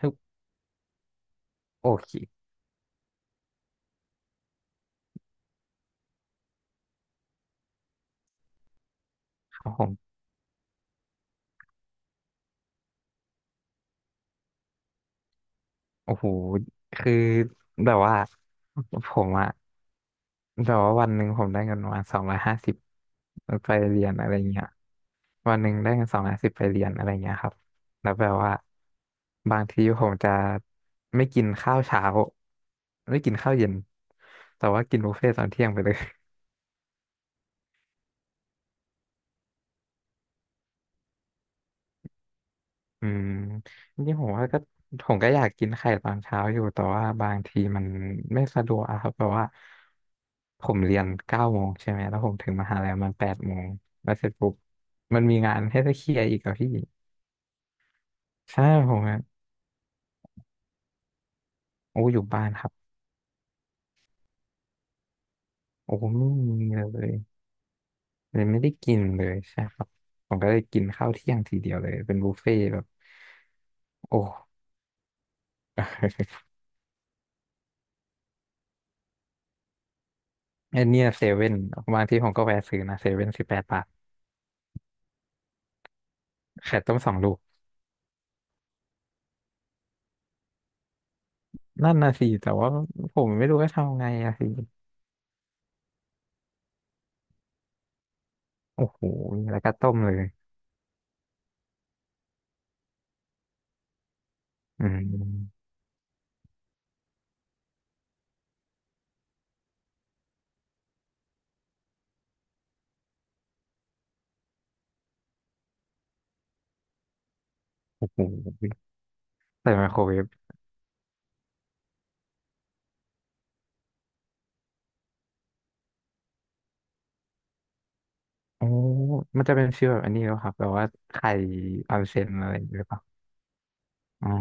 คือโอเคครับผมโอ้โหคือแบบว่าผมอะแบบว่าวันหนึ่งผมได้เงินประมาณสองร้อยห้าสิบไปเรียนอะไรเงี้ยวันหนึ่งได้เงิน210ไปเรียนอะไรเงี้ยครับแล้วแบบว่าบางทีผมจะไม่กินข้าวเช้าไม่กินข้าวเย็นแต่ว่ากินบุฟเฟ่ต์ตอนเที่ยงไปเลย อืมจริงๆผมว่าก็ผมก็อยากกินไข่ตอนเช้าอยู่แต่ว่าบางทีมันไม่สะดวกอะครับแบบว่าผมเรียน9 โมงใช่ไหมแล้วผมถึงมหาลัยมัน8 โมงแล้วเสร็จปุ๊บมันมีงานให้ต้องเคลียร์อีกอะพี่ใช่ผมอะโอ้อยู่บ้านครับโอ้ไม่มีเลยเลยไม่ได้กินเลยใช่ครับผมก็เลยกินข้าวเที่ยงทีเดียวเลยเป็นบุฟเฟ่ต์แบบโอ้ ไอเนี่ยเซเว่นบางทีผมก็แวะซื้อนะเซเว่น18 บาทไข่ต้มสองลูก นั่นน่ะสิแต่ว่าผมไม่รู้จะทำไงอะสิโอ้โหแล้วก็ต้มเลยอืมโอ้โหใส่ไมโครเวฟโอ้มันจะเป็นชื่อแบบอันนี้แล้วครับแบบว่าไข่ออนเซ็นอะไรอย่างเงี้ยหรือเปล่าอ๋อ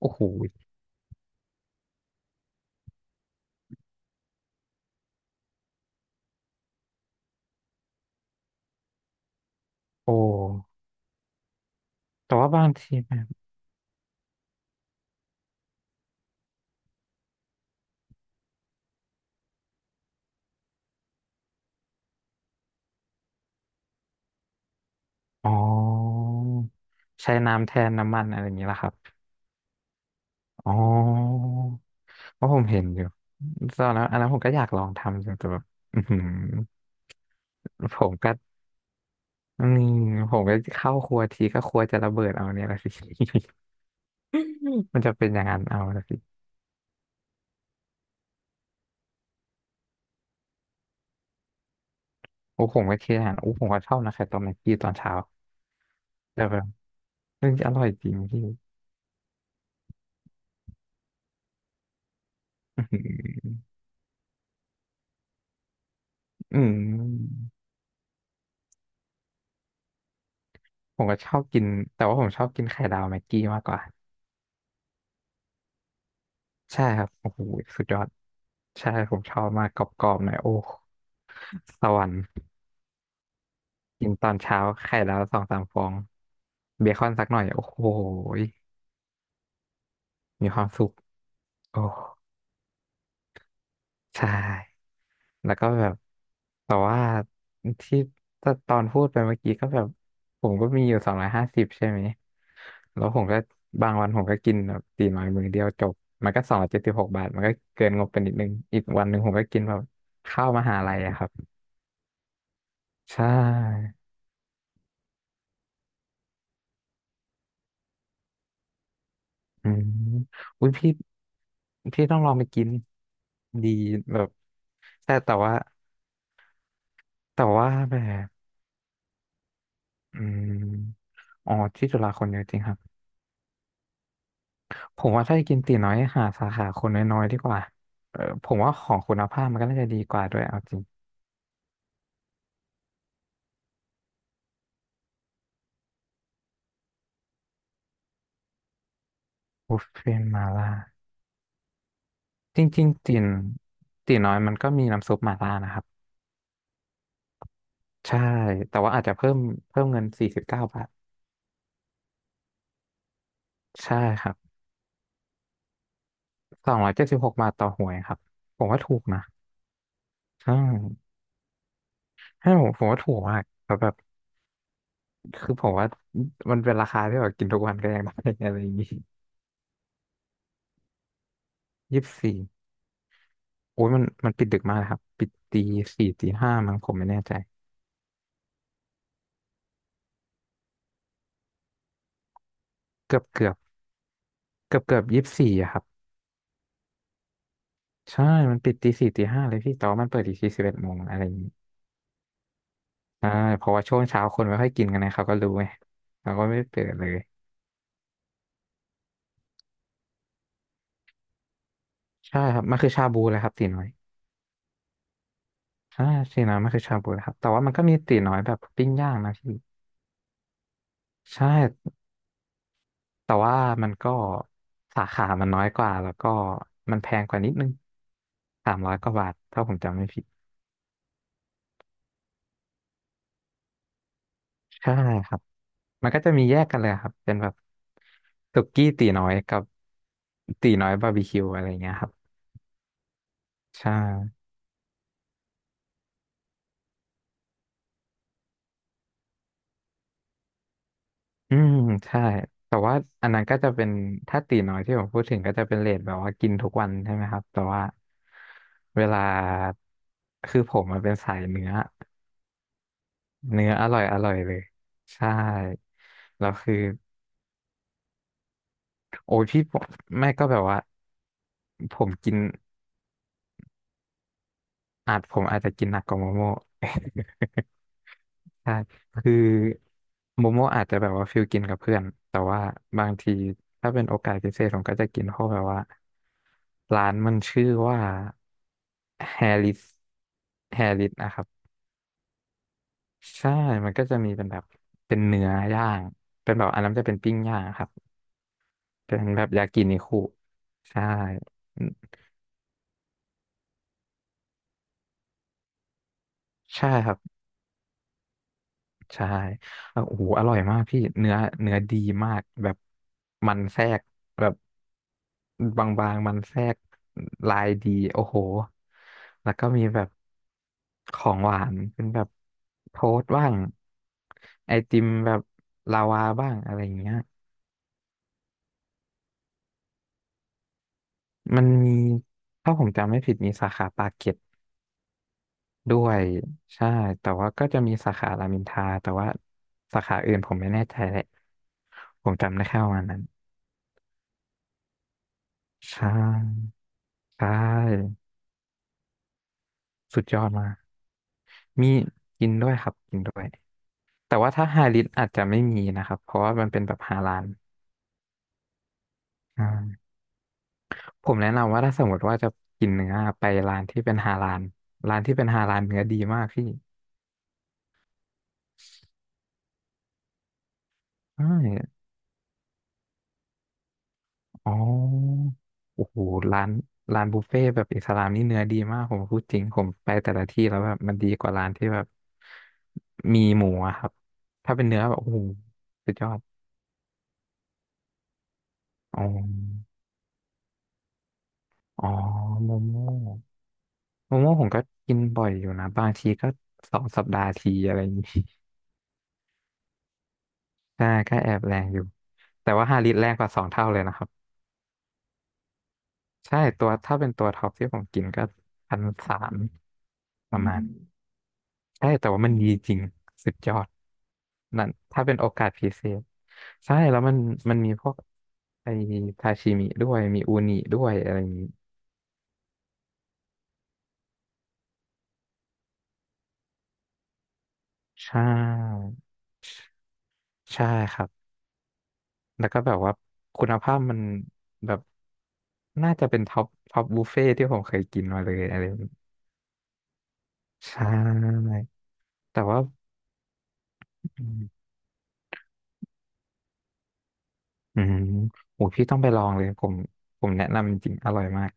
โอ้โหโอ้แต่ว่าบางทีแบบอ๋อใช้น้ำแทนน้ำมันอะไรอย่างเงี้ยละครับอ๋อเพราะผมเห็นอยู่ตอนนั้นอันนั้นผมก็อยากลองทำอยู่แต่แบบอือหือผมก็ อืมผมก็เข้าครัวทีก็ครัวจะระเบิดเอาเนี่ยละสิ มันจะเป็นอย่างนั้นเอาละสิโอ้ผมก็เคยอาหารโอ้ผมก็ชอบนะไข่ต้มแม็กกี้ตอนเช้าแต่แบบเรื่องอร่อยจริงพี่ อือหืออืมผมก็ชอบกินแต่ว่าผมชอบกินไข่ดาวแม็กกี้มากกว่าใช่ครับโอ้โหสุดยอดใช่ผมชอบมากกรอบๆหน่อยโอ้สวรรค์กินตอนเช้าไข่ดาวสองสามฟองเบคอนสักหน่อยโอ้โหมีความสุขโอ้ ใช่ แล้วก็แบบ แต่ว่าที่ตอนพูดไปเมื่อกี้ก็แบบผมก็มีอยู่สองร้อยห้าสิบใช่ไหม แล้วผมก็บางวันผมก็กินแบบตีน้อยมือเดียวจบ มันก็276 บาท มันก็เกินงบไปนิดนึง อีกวันหนึ่งผมก็กินแบบข้าวมหาลัยอะครับ ใช่อืมอุ้ยพี่ พี่ต้องลองไปกินดีแบบ แต่แต่ว่าแต่ว่าแบบอืมอ๋อที่จุฬาคนเยอะจริงครับ ผมว่าถ้าจะกินตี๋น้อยหาสาขาคนน้อยๆดีกว่าเออผมว่าของคุณภาพมันก็น่าจะดีกว่าด้วยเอาจริงบุฟเฟ่ต์มาล่าจริงๆตี๋น้อยมันก็มีน้ำซุปมาล่านะครับใช่ แต่ว่าอาจจะเพิ่มเงิน49 บาท ใช่ครับ276 บาทต่อหวยครับผมว่าถูกนะใช่ให้ผมผมว่าถูกมากแล้วแบบคือผมว่ามันเป็นราคาที่แบบกินทุกวันก็ยังได้ อะไรอย่างนี้24โอ้ยมันปิดดึกมากนะครับปิดตีสี่ตีห้ามั้งผมไม่แน่ใจ เกือบเกือบเกือบเกือบ24อะครับใช่มันปิดตีสี่ตีห้าเลยพี่แต่ว่ามันเปิดอีกที11 โมงอะไรอย่างนี้ใช่เพราะว่าช่วงเช้าคนไม่ค่อยกินกันนะเขาก็รู้ไงเราก็ไม่เปิดเลยใช่ครับมันคือชาบูเลยครับตีน้อยใช่ตีน้อยมันคือชาบูเลยครับแต่ว่ามันก็มีตีน้อยแบบปิ้งย่างนะพี่ใช่แต่ว่ามันก็สาขามันน้อยกว่าแล้วก็มันแพงกว่านิดนึง300กว่าบาทถ้าผมจำไม่ผิดใช่ครับ มันก็จะมีแยกกันเลยครับเป็นแบบสุกี้ตีน้อยกับตีน้อยบาร์บีคิวอะไรเงี้ยครับใช่อืมใช่แต่ว่าอันนั้นก็จะเป็นถ้าตีน้อยที่ผมพูดถึงก็จะเป็นเรทแบบว่ากินทุกวันใช่ไหมครับแต่ว่าเวลาคือผมมันเป็นสายเนื้อเนื้ออร่อยอร่อยเลยใช่แล้วคือโอ้ยพี่ผมแม่ก็แบบว่าผมกินอาจผมอาจจะกินหนักกว่าโมโม่ ใช่คือโมโมอาจจะแบบว่าฟิลกินกับเพื่อนแต่ว่าบางทีถ้าเป็นโอกาสพิเศษผมก็จะกินเพราะแบบว่าร้านมันชื่อว่าแฮริสแฮริสนะครับใช่มันก็จะมีเป็นแบบเป็นเนื้อย่างเป็นแบบอันนั้นจะเป็นปิ้งย่างครับเป็นแบบยากินิคุใช่ใช่ครับ ใช่แล้วโอ้โหอร่อยมากพี่เนื้อเนื้อดีมากแบบมันแทรกแบบบางๆมันแทรกลายดีโอ้โหแล้วก็มีแบบของหวานเป็นแบบโทสต์บ้างไอติมแบบลาวาบ้างอะไรอย่างเงี้ยมันมีถ้าผมจำไม่ผิดมีสาขาปากเกร็ดด้วยใช่แต่ว่าก็จะมีสาขารามอินทราแต่ว่าสาขาอื่นผมไม่แน่ใจแหละผมจำได้แค่ประมาณนั้น ใช่ใช่สุดยอดมากมีกินด้วยครับกินด้วยแต่ว่าถ้าไฮลิสอาจจะไม่มีนะครับเพราะว่ามันเป็นแบบฮาลาลอ่าผมแนะนำว่าถ้าสมมติว่าจะกินเนื้อไปร้านที่เป็นฮาลาลร้านที่เป็นฮาลาลเนื้อดีมากพี่ใช่อ๋อโอ้โหร้านร้านบุฟเฟ่ต์แบบอิสลามนี่เนื้อดีมากผมพูดจริงผมไปแต่ละที่แล้วแบบมันดีกว่าร้านที่แบบมีหมูอะครับถ้าเป็นเนื้อแบบโอ้โหสุดยอดอ๋อ อ๋อโมโม่โมโม่ผมก็กินบ่อยอยู่นะบางทีก็สองสัปดาห์ทีอะไรอย่างนี้ ใช่ก็แอบแรงอยู่แต่ว่าห้าลิตรแรงกว่าสองเท่าเลยนะครับใช่ตัวถ้าเป็นตัวท็อปที่ผมกินก็พันสามประมาณใช่แต่ว่ามันดีจริงสุดยอดนั่นถ้าเป็นโอกาสพิเศษใช่แล้วมันมีพวกไอทาชิมิด้วยมีอูนิด้วยอะไรอย่างนี้ใช่ใช่ครับ แล้วก็แบบว่าคุณภาพมันแบบน่าจะเป็นท็อปบุฟเฟ่ที่ผมเคยกินมาเลยอะไรแบบนี้ใช่แต่ว่าอืมอืมโอ้พี่ต้องไปลองเลยผมผมแนะนำจริงๆอร่อยมาก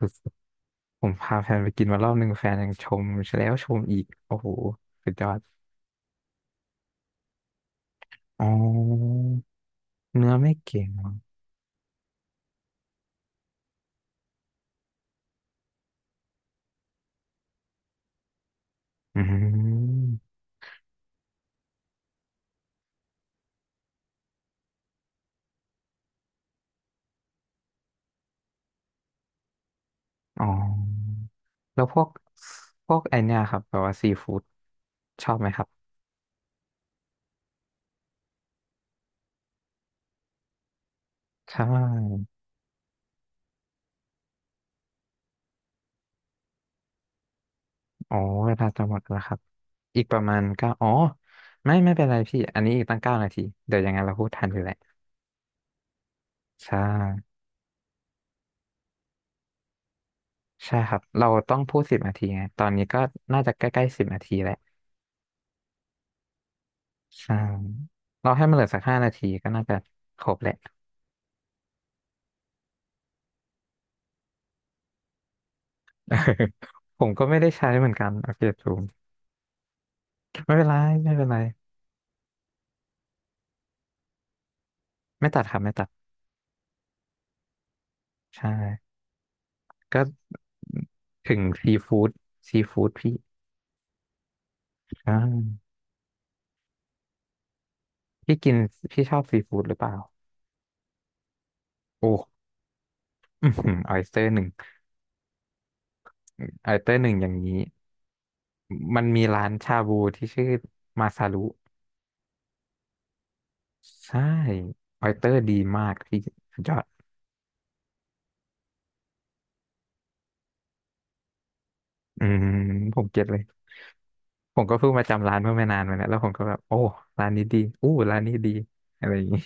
สุดๆผมพาแฟนไปกินมารอบหนึ่งแฟนยังชมแล้วชมอีกโอ้โหสุดยอดอ๋อเนื้อไม่เก่งเหรออืมอ๋อแล้วพวกไอเนี่ยครับแบบว่าซีฟู้ดชอบไหมครับใช่ อ๋อเวลาจะหมดแล้วครับอีกประมาณเก้าอ๋อไม่เป็นไรพี่อันนี้อีกตั้งเก้านาทีเดี๋ยวยังไงเราพูดทันอยู่แหละใช่ใช่ครับเราต้องพูดสิบนาทีไงตอนนี้ก็น่าจะใกล้ๆสิบนาทีแหละใช่เราให้มันเหลือสักห้านาทีก็น่าจะครบแหละ ผมก็ไม่ได้ใช้เหมือนกันโอเคจูมไม่เป็นไรไม่เป็นไรไม่ตัดครับไม่ตัดใช่ก็ถึงซีฟู้ดซีฟู้ดพี่ใช่พี่กินพี่ชอบซีฟู้ดหรือเปล่าโอ้ อือหือออยสเตอร์หนึ่งออยสเตอร์หนึ่งอย่างนี้มันมีร้านชาบูที่ชื่อมาซารุใช่ออยสเตอร์ดีมากพี่สุดยอดอืมผมเก็ตเลยผมก็เพิ่งมาจำร้านเมื่อไม่นานมาเนี่ยแล้วผมก็แบบโอ้ร้านนี้ดีอู้ร้านนี้ดีอะไรอย่างนี้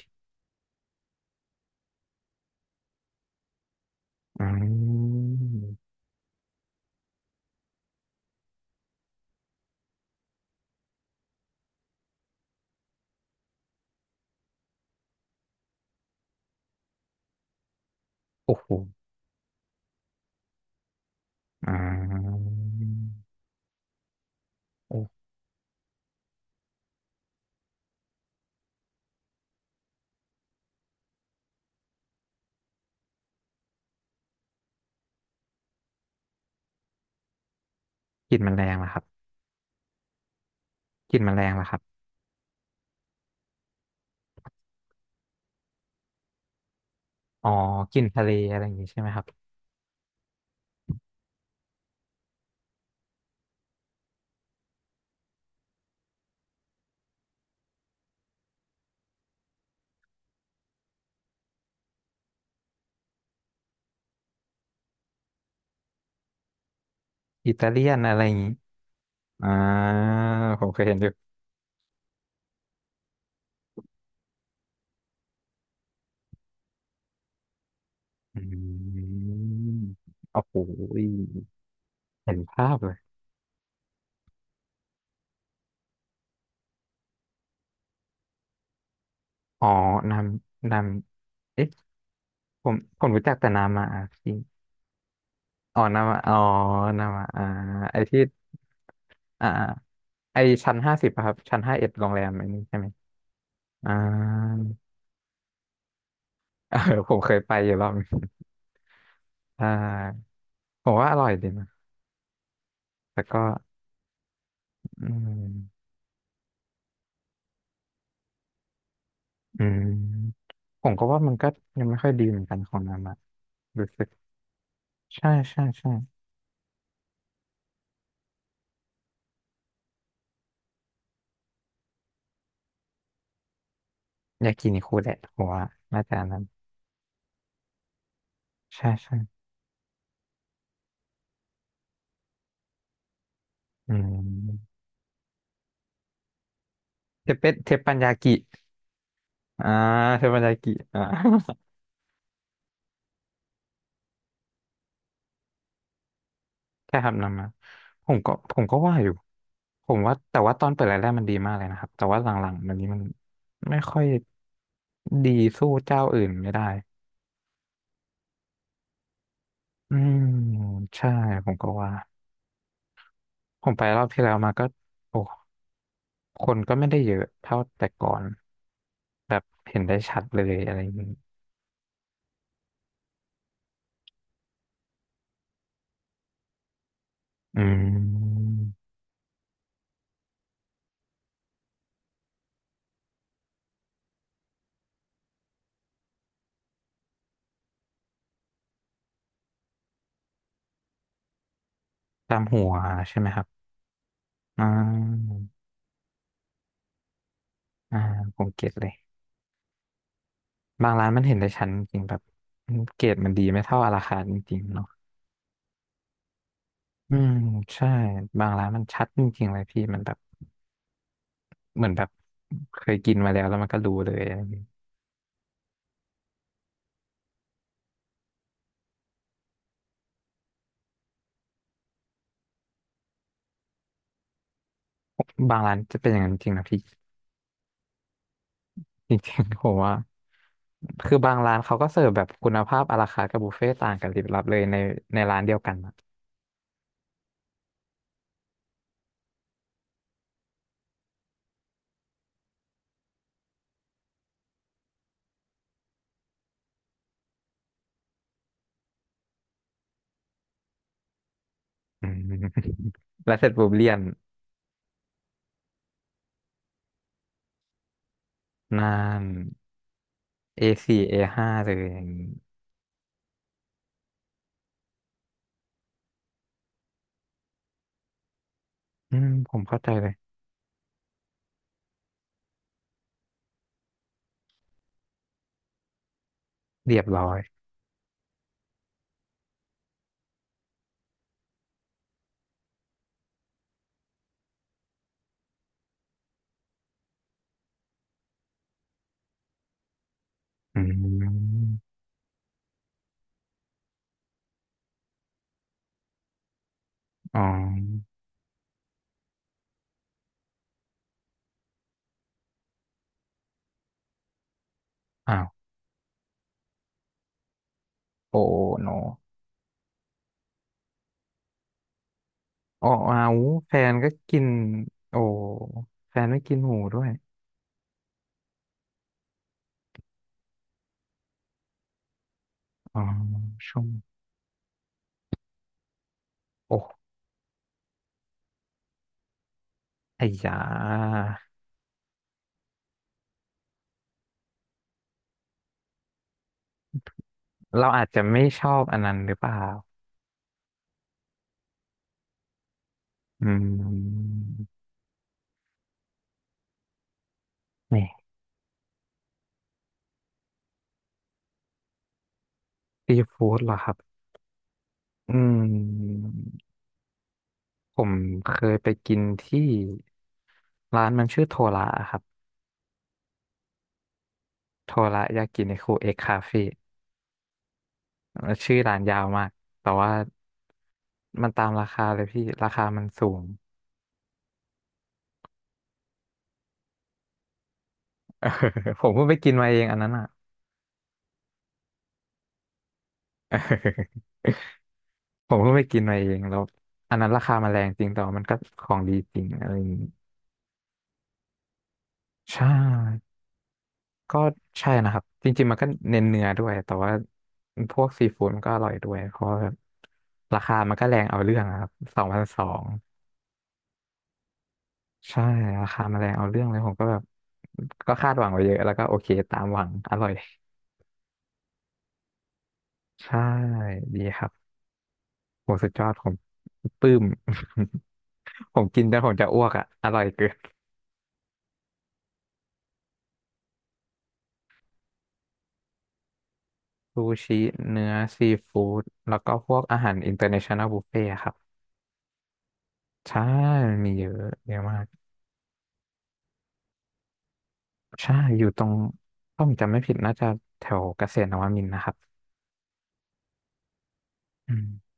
อืมโอ้โหอ่าโอ้กลิ่นมันแรงนะครับกลิ่นมันแรงนะครับอ๋อกลิ่นทะเลอะไรอย่างนี้ใช่ไหมครับอิตาเลียนอะไรอย่างนี้อ่าผมเคยเห็นอยู่ อืมโอ้โหยเห็นภาพเลย อ๋อนามนามเอ๊ะ ผมรู้จักแต่นามาอาพีอ๋อนามาอ๋อนามาอาไอที่อ่าไอชั้นห้าสิบครับชั้นห้าเอ็ดโรงแรมอันนี้ใช่ไหมอ่า เออผมเคยไปอยู่รอบนึงอ่าผมว่าอร่อยดีนะแต่ก็อืมอืม ผมก็ว่ามันก็ยังไม่ค่อยดีเหมือนกันของนามารู้สึก ใช่ใช่ใช่ ยากินิคุแหละผมว่าน่าจะอันนั้นใช่ใช่อืมเทปเปเทปปัญญากิอ่าเทปปัญญากิอ่า ใช่ครับนำมาผมก็ว่าอยู่ผมว่าแต่ว่าตอนเปิดแรกๆมันดีมากเลยนะครับแต่ว่าหลังๆมันนี้มันไม่ค่อยดีสู้เจ้าอื่นไม่ได้อืมใช่ผมก็ว่าผมไปรอบที่แล้วมาก็โอ้คนก็ไม่ได้เยอะเท่าแต่ก่อนแบบเห็นได้ชัดเลยอะไรอย่างนี้อืม ตามหัวใช่ไหมครับอ่าอ่าผมเก็ตเลย บางร้านมันเห็นได้ชัดจริงๆแบบเกรดมันดีไม่เท่าราคาจริงๆเนาะอืมใช่ บางร้านมันชัดจริงๆเลยพี่มันแบบเหมือนแบบเคยกินมาแล้วแล้วมันก็รู้เลยอะไรอย่างเงี้ยบางร้านจะเป็นอย่างนั้นจริงนะพี่จริงๆผมว่าคือบางร้านเขาก็เสิร์ฟแบบคุณภาพอาราคาร์ทกับบุฟเฟ่ต์ต่างกันลิบลับเลยในร้านเดียวกันอะอืม แล้วเสร็จปุ๊บเลี่ยนนาน A4 A5 เอห้าเลยอย่างนี้ อืมผมเข้าใจเลยเรียบร้อยอืมอ๋ออ้าวโอ้โนอ๋ออ้าวแฟนก็กินโอ้แฟนไม่กินหมูด้วยอ๋อช่วงโอ้ไอ้ยาเราอาจจะไม่ชอบอันนั้นหรือเปล่าอืมนี่ซีฟู้ดเหรอครับอืมผมเคยไปกินที่ร้านมันชื่อโทระครับโทระยากินิคุเอ็กคาเฟ่ แล้วชื่อร้านยาวมากแต่ว่ามันตามราคาเลยพี่ราคามันสูง ผมเพิ่งไปกินมาเองอันนั้นอ่ะเออ ผมเพิ่งไปกินมาเองแล้วอันนั้นราคามันแรงจริงแต่ว่ามันก็ของดีจริงอะไรอย่างงี้ใช่ก็ใช่นะครับจริงๆมันก็เน้นเนื้อด้วยแต่ว่าพวกซีฟู้ดมันก็อร่อยด้วยเพราะว่าแบบราคามันก็แรงเอาเรื่องอะครับสองพันสองใช่ราคามันแรงเอาเรื่องเลยผมก็แบบก็คาดหวังไว้เยอะแล้วก็โอเคตามหวังอร่อย ใช่ดีครับโหสุดยอดผมปลื้ม ผมกินแล้วผมจะอ้วกอ่ะอร่อยเกินซูชิเนื้อซีฟู้ดแล้วก็พวกอาหารอินเตอร์เนชั่นแนลบุฟเฟ่ครับใช่มันมีเยอะเยอะมากใช่อยู่ตรงถ้าผมจำไม่ผิดน่าจะแถวเกษตรนวมินทร์นะครับอืม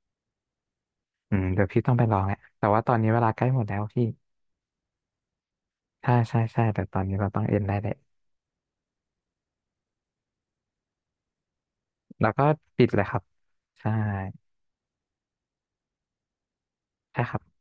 อืมเดี๋ยวพี่ต้องไปลองแหละแต่ว่าตอนนี้เวลาใกล้หมดแล้วพี่ใช่ใช่ใช่แต่ตอนนี้เราต้องเอ็นได้เลยแล้วก็ปิดเลยครับใช่ใช่ครับ